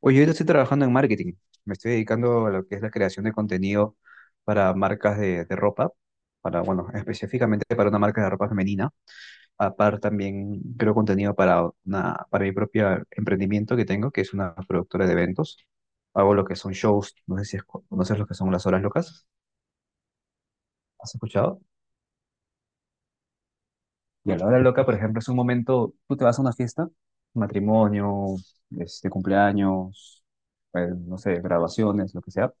Oye, ahorita estoy trabajando en marketing. Me estoy dedicando a lo que es la creación de contenido para marcas de ropa, para, bueno, específicamente para una marca de ropa femenina. Aparte también creo contenido para una, para mi propio emprendimiento que tengo, que es una productora de eventos. Hago lo que son shows, no sé si conoces lo que son las horas locas. ¿Has escuchado? Y a la hora loca, por ejemplo, es un momento, tú te vas a una fiesta, matrimonio, cumpleaños, pues, no sé, graduaciones, lo que sea,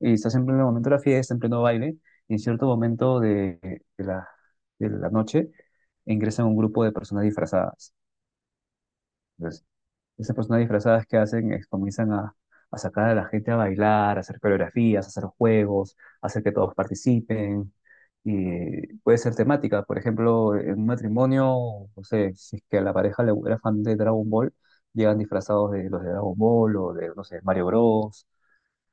y estás en pleno momento de la fiesta, en pleno baile, y en cierto momento de la, de la noche ingresa un grupo de personas disfrazadas. Entonces, esas personas disfrazadas que hacen es comienzan a sacar a la gente a bailar, a hacer coreografías, a hacer juegos, a hacer que todos participen. Y puede ser temática, por ejemplo, en un matrimonio, no sé, si es que a la pareja le era fan de Dragon Ball, llegan disfrazados de los de Dragon Ball o de, no sé, Mario Bros.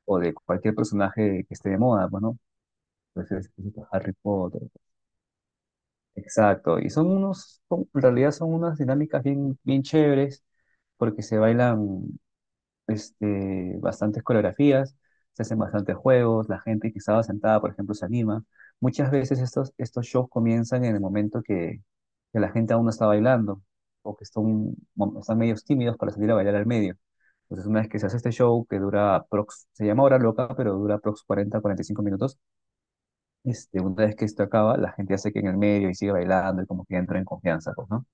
O de cualquier personaje que esté de moda, pues, ¿no? Entonces, Harry Potter. Exacto. Y son unos, en realidad son unas dinámicas bien, bien chéveres porque se bailan, bastantes coreografías, se hacen bastantes juegos, la gente que estaba sentada, por ejemplo, se anima. Muchas veces estos shows comienzan en el momento que la gente aún no está bailando o que están, bueno, están medios tímidos para salir a bailar al medio. Entonces, una vez que se hace este show, que dura aprox, se llama Hora Loca, pero dura aprox 40, 45 minutos, una vez que esto acaba, la gente hace que en el medio y sigue bailando y como que entra en confianza, pues, ¿no?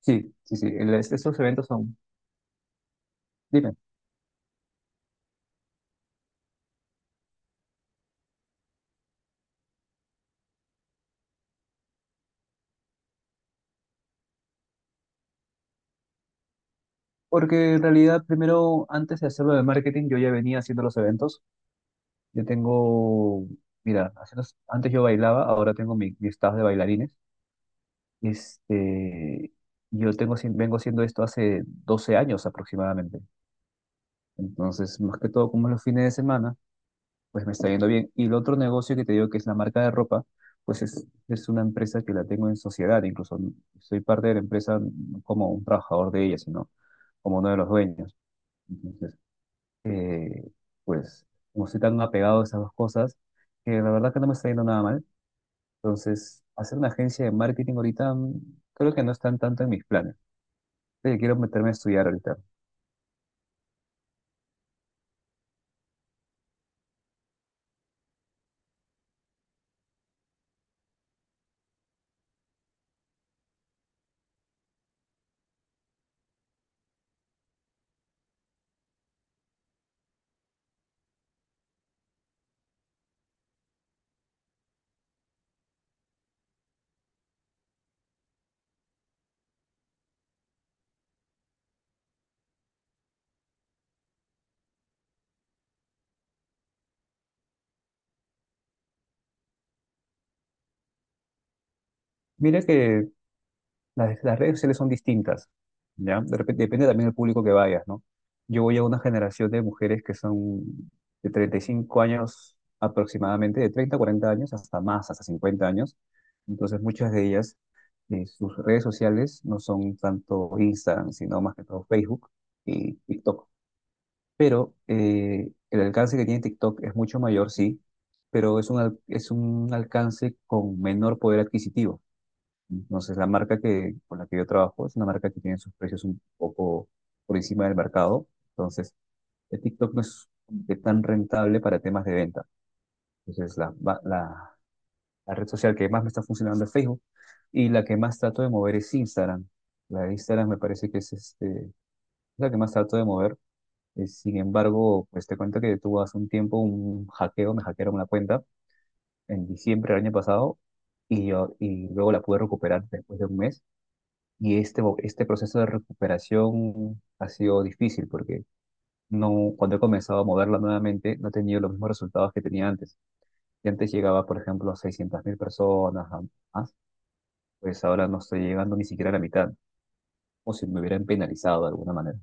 Sí, sí, sí. Estos eventos son... Dime. Porque en realidad, primero, antes de hacerlo de marketing, yo ya venía haciendo los eventos. Yo tengo, mira, antes yo bailaba, ahora tengo mi staff de bailarines. Este, yo tengo, vengo haciendo esto hace 12 años aproximadamente. Entonces, más que todo, como es los fines de semana, pues me está yendo bien. Y el otro negocio que te digo que es la marca de ropa, pues es una empresa que la tengo en sociedad. Incluso soy parte de la empresa no como un trabajador de ella, sino como uno de los dueños. eh, pues como estoy tan apegado a esas dos cosas, que la verdad que no me está yendo nada mal. Entonces, hacer una agencia de marketing ahorita, creo que no están tanto en mis planes. Creo quiero meterme a estudiar ahorita. Mira que las redes sociales son distintas, ¿ya? Depende también del público que vayas, ¿no? Yo voy a una generación de mujeres que son de 35 años aproximadamente, de 30 a 40 años, hasta más, hasta 50 años. Entonces, muchas de ellas, sus redes sociales no son tanto Instagram, sino más que todo Facebook y TikTok. Pero el alcance que tiene TikTok es mucho mayor, sí, pero es es un alcance con menor poder adquisitivo. Entonces, la marca que, con la que yo trabajo es una marca que tiene sus precios un poco por encima del mercado. Entonces, el TikTok no es como que tan rentable para temas de venta. Entonces, la red social que más me está funcionando es Facebook y la que más trato de mover es Instagram. La de Instagram me parece que es la que más trato de mover. Sin embargo, pues te cuento que tuvo hace un tiempo un hackeo, me hackearon una cuenta en diciembre del año pasado y, y luego la pude recuperar después de un mes. Y este proceso de recuperación ha sido difícil porque no, cuando he comenzado a moverla nuevamente no he tenido los mismos resultados que tenía antes. Y antes llegaba, por ejemplo, a 600 mil personas a más, pues ahora no estoy llegando ni siquiera a la mitad, o si me hubieran penalizado de alguna manera.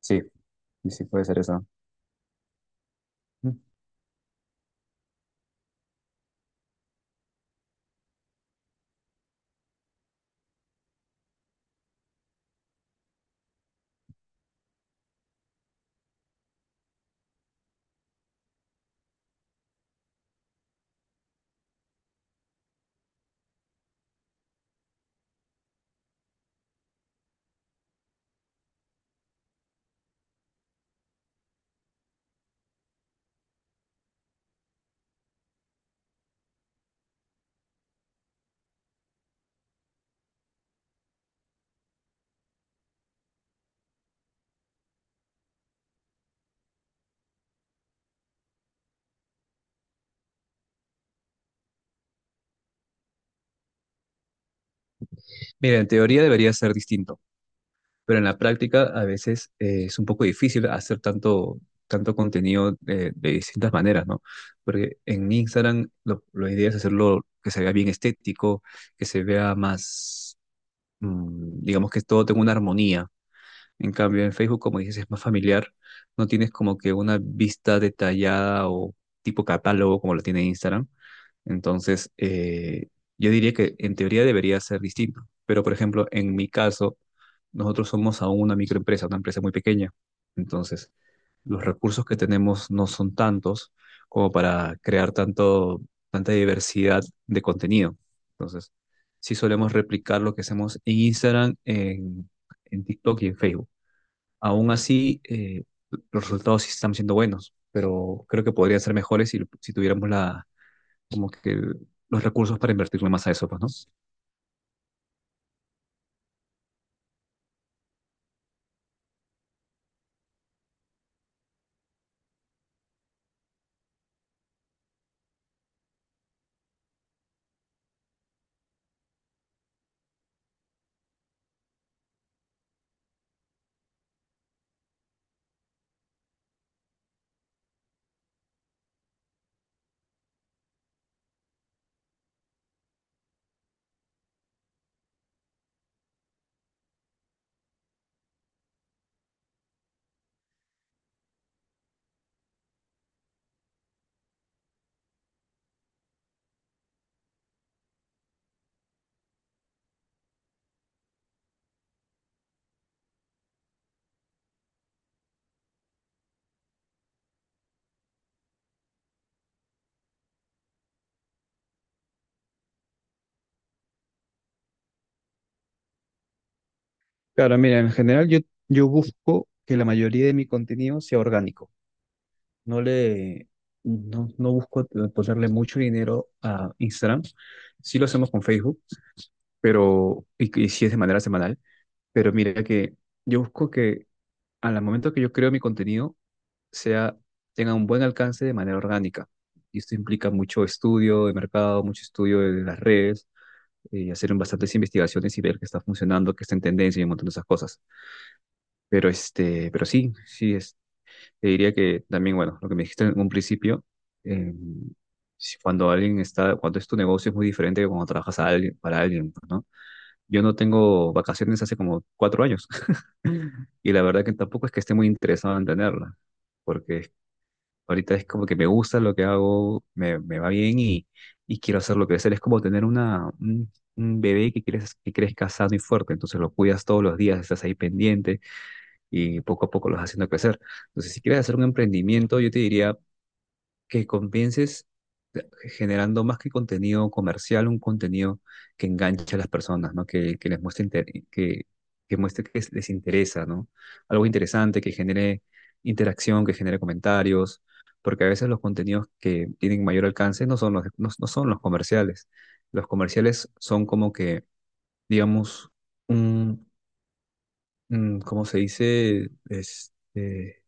Sí, y sí puede ser eso. Mm. Mira, en teoría debería ser distinto, pero en la práctica a veces, es un poco difícil hacer tanto contenido de distintas maneras, ¿no? Porque en Instagram la idea es hacerlo que se vea bien estético, que se vea más, digamos que todo tenga una armonía. En cambio, en Facebook, como dices, es más familiar, no tienes como que una vista detallada o tipo catálogo como lo tiene Instagram, entonces, yo diría que en teoría debería ser distinto, pero por ejemplo, en mi caso, nosotros somos aún una microempresa, una empresa muy pequeña. Entonces, los recursos que tenemos no son tantos como para crear tanta diversidad de contenido. Entonces, sí solemos replicar lo que hacemos en Instagram, en TikTok y en Facebook. Aún así, los resultados sí están siendo buenos, pero creo que podrían ser mejores si tuviéramos la como que los recursos para invertirle más a eso, pues, ¿no? Claro, mira, en general yo busco que la mayoría de mi contenido sea orgánico. No le, no, no busco ponerle mucho dinero a Instagram. Sí lo hacemos con Facebook, y sí es de manera semanal. Pero mira que yo busco que al momento que yo creo mi contenido sea, tenga un buen alcance de manera orgánica. Y esto implica mucho estudio de mercado, mucho estudio de las redes, hacer bastantes investigaciones y ver qué está funcionando, qué está en tendencia y un montón de esas cosas. Pero, te diría que también, bueno, lo que me dijiste en un principio, eh, si cuando alguien está, cuando es tu negocio es muy diferente que cuando trabajas a alguien, para alguien, pues, ¿no? Yo no tengo vacaciones hace como 4 años y la verdad que tampoco es que esté muy interesado en tenerla, porque es... Ahorita es como que me gusta lo que hago, me va bien y quiero hacerlo crecer. Es como tener un bebé que quieres que crezca sano y fuerte. Entonces lo cuidas todos los días, estás ahí pendiente y poco a poco lo vas haciendo crecer. Entonces, si quieres hacer un emprendimiento, yo te diría que convences, generando más que contenido comercial, un contenido que enganche a las personas, ¿no? Que les muestre que muestre que les interesa, ¿no? Algo interesante que genere interacción, que genere comentarios, porque a veces los contenidos que tienen mayor alcance no son los, no, no son los comerciales. Los comerciales son como que, digamos, un, un, ¿cómo se dice?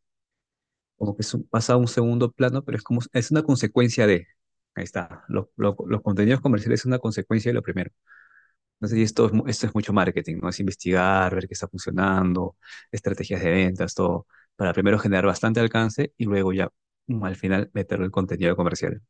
Como que pasa a un segundo plano, pero es como, es una consecuencia de, ahí está, los contenidos comerciales es una consecuencia de lo primero. Entonces, y esto es, esto es mucho marketing, ¿no? Es investigar, ver qué está funcionando, estrategias de ventas, todo, para primero generar bastante alcance y luego ya, al final meterlo el contenido comercial.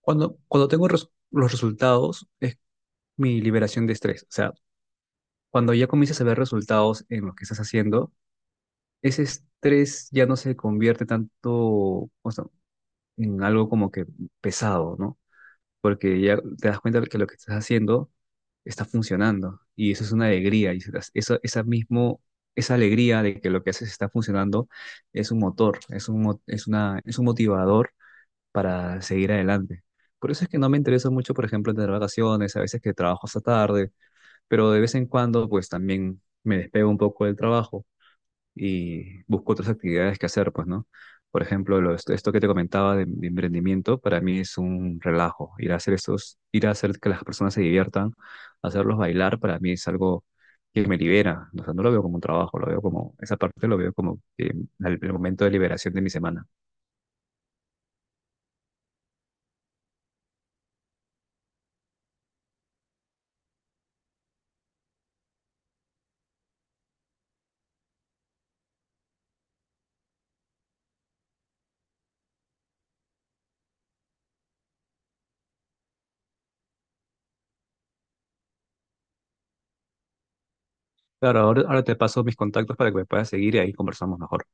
Cuando tengo los resultados, es mi liberación de estrés. O sea, cuando ya comienzas a ver resultados en lo que estás haciendo, ese estrés ya no se convierte tanto, o sea, en algo como que pesado, ¿no? Porque ya te das cuenta que lo que estás haciendo está funcionando y eso es una alegría y esa mismo, esa alegría de que lo que haces está funcionando es un motor, es un, mo- es una, es un motivador para seguir adelante. Por eso es que no me interesa mucho, por ejemplo, tener vacaciones, a veces que trabajo hasta tarde, pero de vez en cuando pues también me despego un poco del trabajo y busco otras actividades que hacer, pues, ¿no? Por ejemplo, esto que te comentaba de emprendimiento, para mí es un relajo. Ir a hacer esos, ir a hacer que las personas se diviertan, hacerlos bailar, para mí es algo que me libera. O sea, no lo veo como un trabajo, lo veo como, esa parte lo veo como, el momento de liberación de mi semana. Claro, ahora, ahora te paso mis contactos para que me puedas seguir y ahí conversamos mejor.